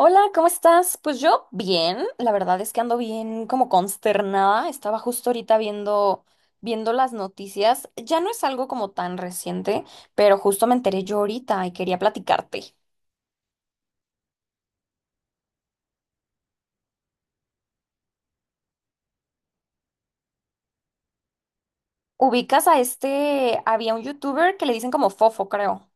Hola, ¿cómo estás? Pues yo bien, la verdad es que ando bien como consternada. Estaba justo ahorita viendo las noticias. Ya no es algo como tan reciente, pero justo me enteré yo ahorita y quería platicarte. ¿Ubicas a este? Había un youtuber que le dicen como Fofo, creo.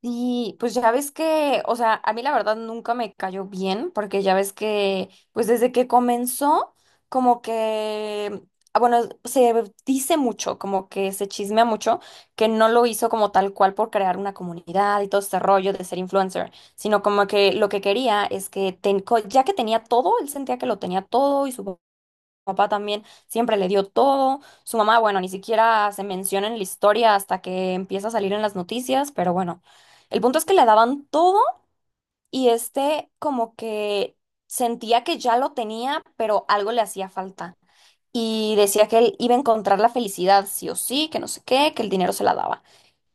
Sí, pues ya ves que, o sea, a mí la verdad nunca me cayó bien, porque ya ves que, pues desde que comenzó, como que, ah, bueno, se dice mucho, como que se chismea mucho, que no lo hizo como tal cual por crear una comunidad y todo este rollo de ser influencer, sino como que lo que quería es que, ya que tenía todo, él sentía que lo tenía todo y su papá también siempre le dio todo. Su mamá, bueno, ni siquiera se menciona en la historia hasta que empieza a salir en las noticias, pero bueno, el punto es que le daban todo y este como que sentía que ya lo tenía, pero algo le hacía falta. Y decía que él iba a encontrar la felicidad sí o sí, que no sé qué, que el dinero se la daba.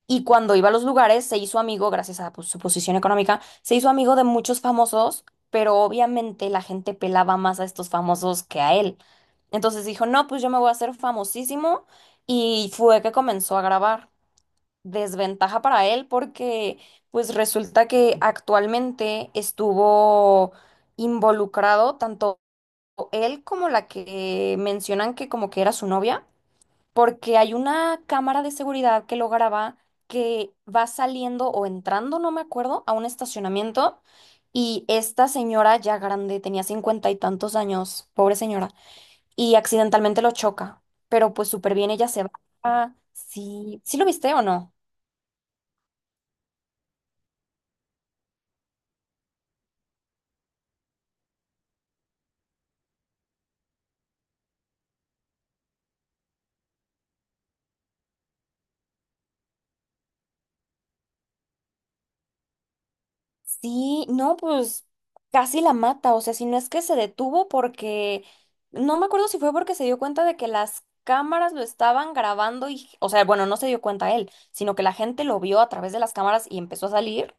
Y cuando iba a los lugares, se hizo amigo, gracias a pues, su posición económica, se hizo amigo de muchos famosos, pero obviamente la gente pelaba más a estos famosos que a él. Entonces dijo, no, pues yo me voy a hacer famosísimo y fue que comenzó a grabar. Desventaja para él porque pues resulta que actualmente estuvo involucrado tanto él como la que mencionan que como que era su novia, porque hay una cámara de seguridad que lo graba, que va saliendo o entrando, no me acuerdo, a un estacionamiento, y esta señora ya grande, tenía cincuenta y tantos años, pobre señora, y accidentalmente lo choca, pero pues súper bien, ella se va. Sí, ¿sí lo viste o no? Sí, no, pues casi la mata, o sea, si no es que se detuvo porque, no me acuerdo si fue porque se dio cuenta de que las cámaras lo estaban grabando y, o sea, bueno, no se dio cuenta él, sino que la gente lo vio a través de las cámaras y empezó a salir,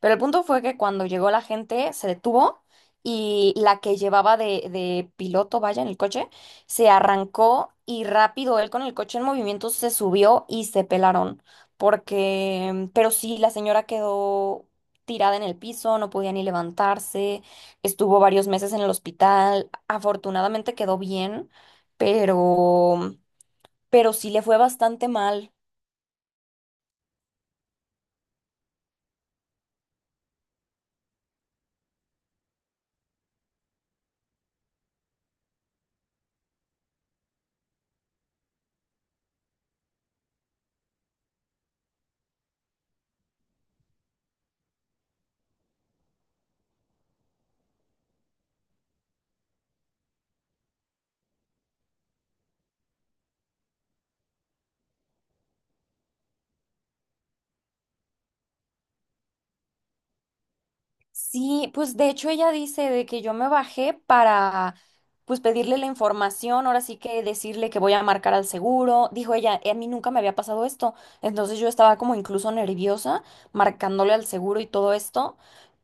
pero el punto fue que cuando llegó la gente se detuvo y la que llevaba de piloto, vaya, en el coche, se arrancó y rápido él con el coche en movimiento se subió y se pelaron. Porque, pero sí, la señora quedó tirada en el piso, no podía ni levantarse, estuvo varios meses en el hospital, afortunadamente quedó bien, pero, pero sí le fue bastante mal. Sí, pues de hecho ella dice de que yo me bajé para pues pedirle la información, ahora sí que decirle que voy a marcar al seguro. Dijo ella, a mí nunca me había pasado esto. Entonces yo estaba como incluso nerviosa marcándole al seguro y todo esto.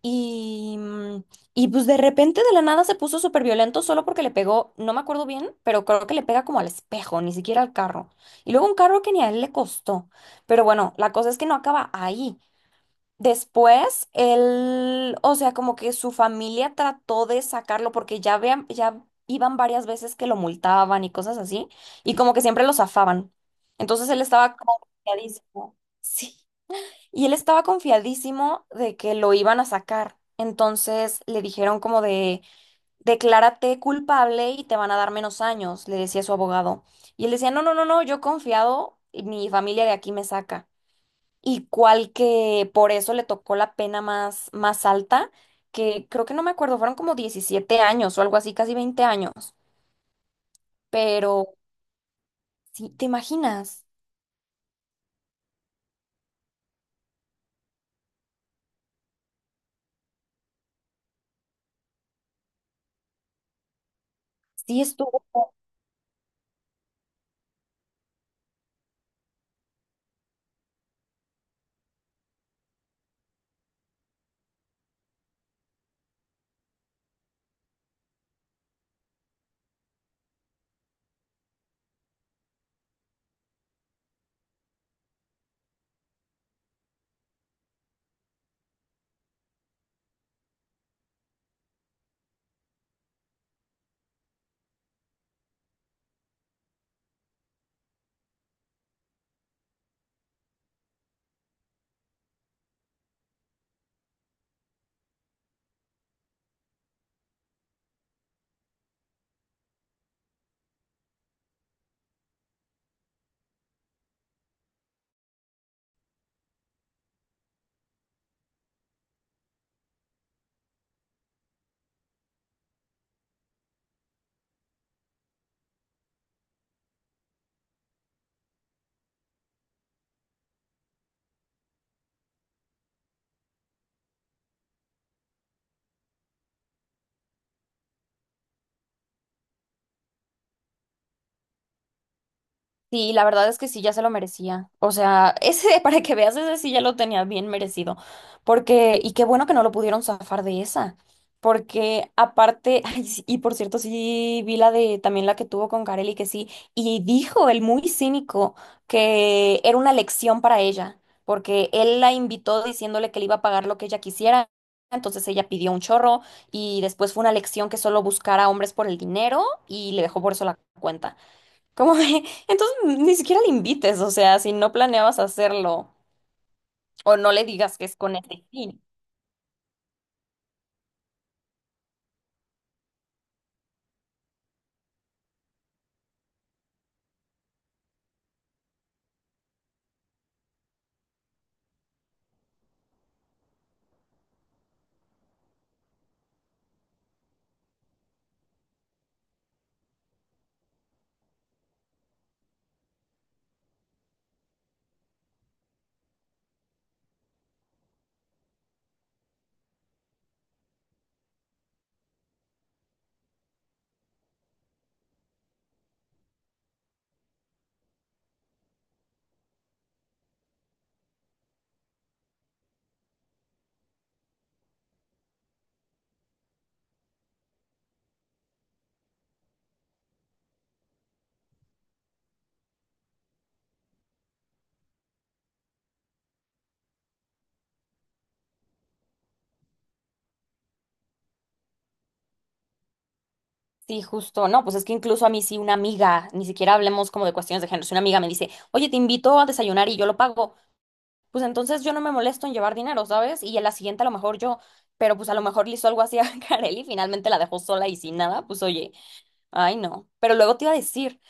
Y, y pues de repente de la nada se puso súper violento solo porque le pegó, no me acuerdo bien, pero creo que le pega como al espejo, ni siquiera al carro. Y luego un carro que ni a él le costó. Pero bueno, la cosa es que no acaba ahí. Después, él, o sea, como que su familia trató de sacarlo porque ya vean, ya iban varias veces que lo multaban y cosas así, y como que siempre lo zafaban. Entonces él estaba como confiadísimo. Sí. Y él estaba confiadísimo de que lo iban a sacar. Entonces le dijeron como de, declárate culpable y te van a dar menos años, le decía su abogado. Y él decía, no, no, no, no, yo confiado, mi familia de aquí me saca, y cuál que por eso le tocó la pena más, más alta, que creo que no me acuerdo, fueron como 17 años o algo así, casi 20 años. Pero, sí, ¿te imaginas? Sí estuvo. Sí, la verdad es que sí, ya se lo merecía. O sea, ese, para que veas, ese sí ya lo tenía bien merecido. Porque, y qué bueno que no lo pudieron zafar de esa. Porque aparte, ay, sí, y por cierto, sí vi la de también la que tuvo con Carelli, que sí, y dijo el muy cínico que era una lección para ella, porque él la invitó diciéndole que le iba a pagar lo que ella quisiera. Entonces ella pidió un chorro y después fue una lección que solo buscara hombres por el dinero y le dejó por eso la cuenta. Como de, entonces ni siquiera le invites, o sea, si no planeabas hacerlo o no le digas que es con este fin. Sí, justo, no, pues es que incluso a mí sí una amiga, ni siquiera hablemos como de cuestiones de género, si una amiga me dice, oye, te invito a desayunar y yo lo pago, pues entonces yo no me molesto en llevar dinero, ¿sabes? Y a la siguiente a lo mejor yo, pero pues a lo mejor le hizo algo así a Kareli y finalmente la dejó sola y sin nada, pues oye, ay no. Pero luego te iba a decir.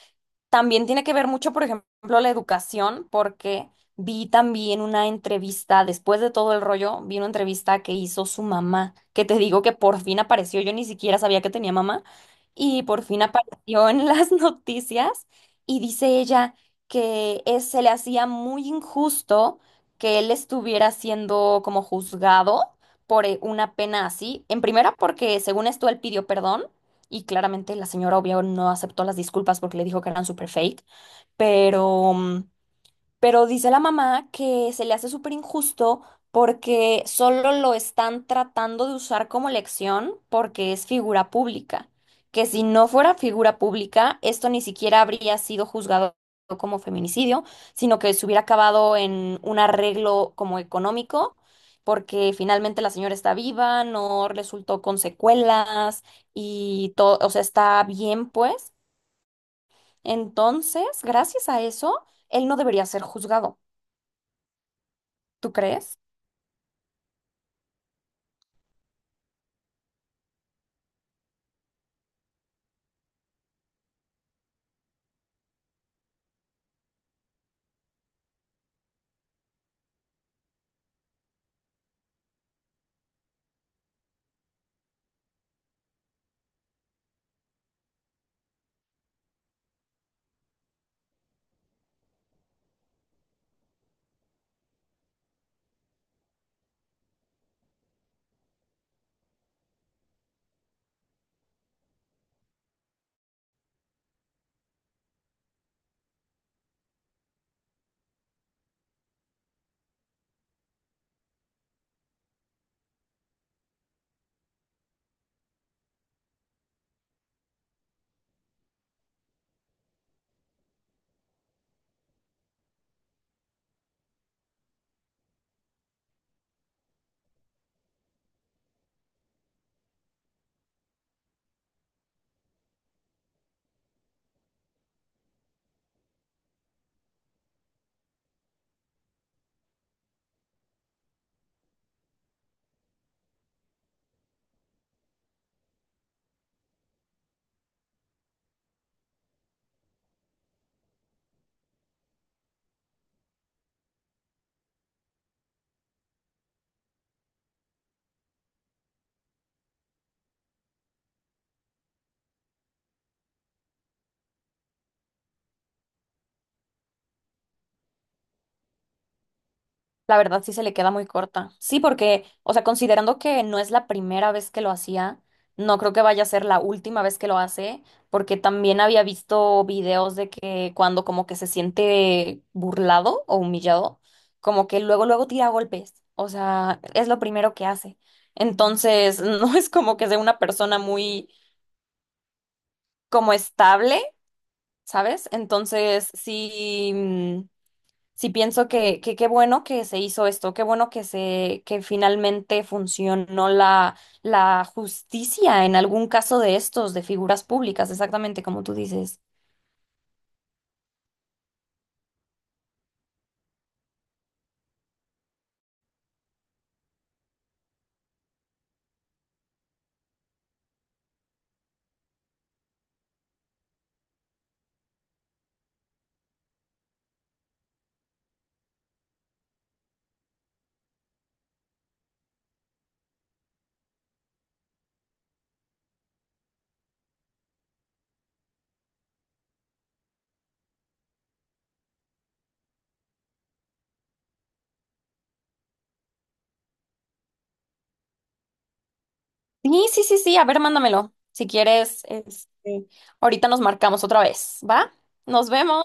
También tiene que ver mucho, por ejemplo, la educación, porque vi también una entrevista, después de todo el rollo, vi una entrevista que hizo su mamá, que te digo que por fin apareció, yo ni siquiera sabía que tenía mamá, y por fin apareció en las noticias y dice ella que se le hacía muy injusto que él estuviera siendo como juzgado por una pena así, en primera porque según esto él pidió perdón. Y claramente la señora obvio no aceptó las disculpas porque le dijo que eran super fake, pero pero dice la mamá que se le hace súper injusto porque solo lo están tratando de usar como lección porque es figura pública. Que si no fuera figura pública, esto ni siquiera habría sido juzgado como feminicidio, sino que se hubiera acabado en un arreglo como económico, porque finalmente la señora está viva, no resultó con secuelas y todo, o sea, está bien pues. Entonces, gracias a eso, él no debería ser juzgado. ¿Tú crees? La verdad sí se le queda muy corta. Sí, porque, o sea, considerando que no es la primera vez que lo hacía, no creo que vaya a ser la última vez que lo hace, porque también había visto videos de que cuando como que se siente burlado o humillado, como que luego, luego tira golpes. O sea, es lo primero que hace. Entonces, no es como que sea una persona muy como estable, ¿sabes? Entonces, sí. Sí pienso que qué bueno que se hizo esto, qué bueno que se, que finalmente funcionó la, la justicia en algún caso de estos, de figuras públicas, exactamente como tú dices. Sí, sí, sí, sí, a ver, mándamelo. Si quieres, este, ahorita nos marcamos otra vez, ¿va? Nos vemos.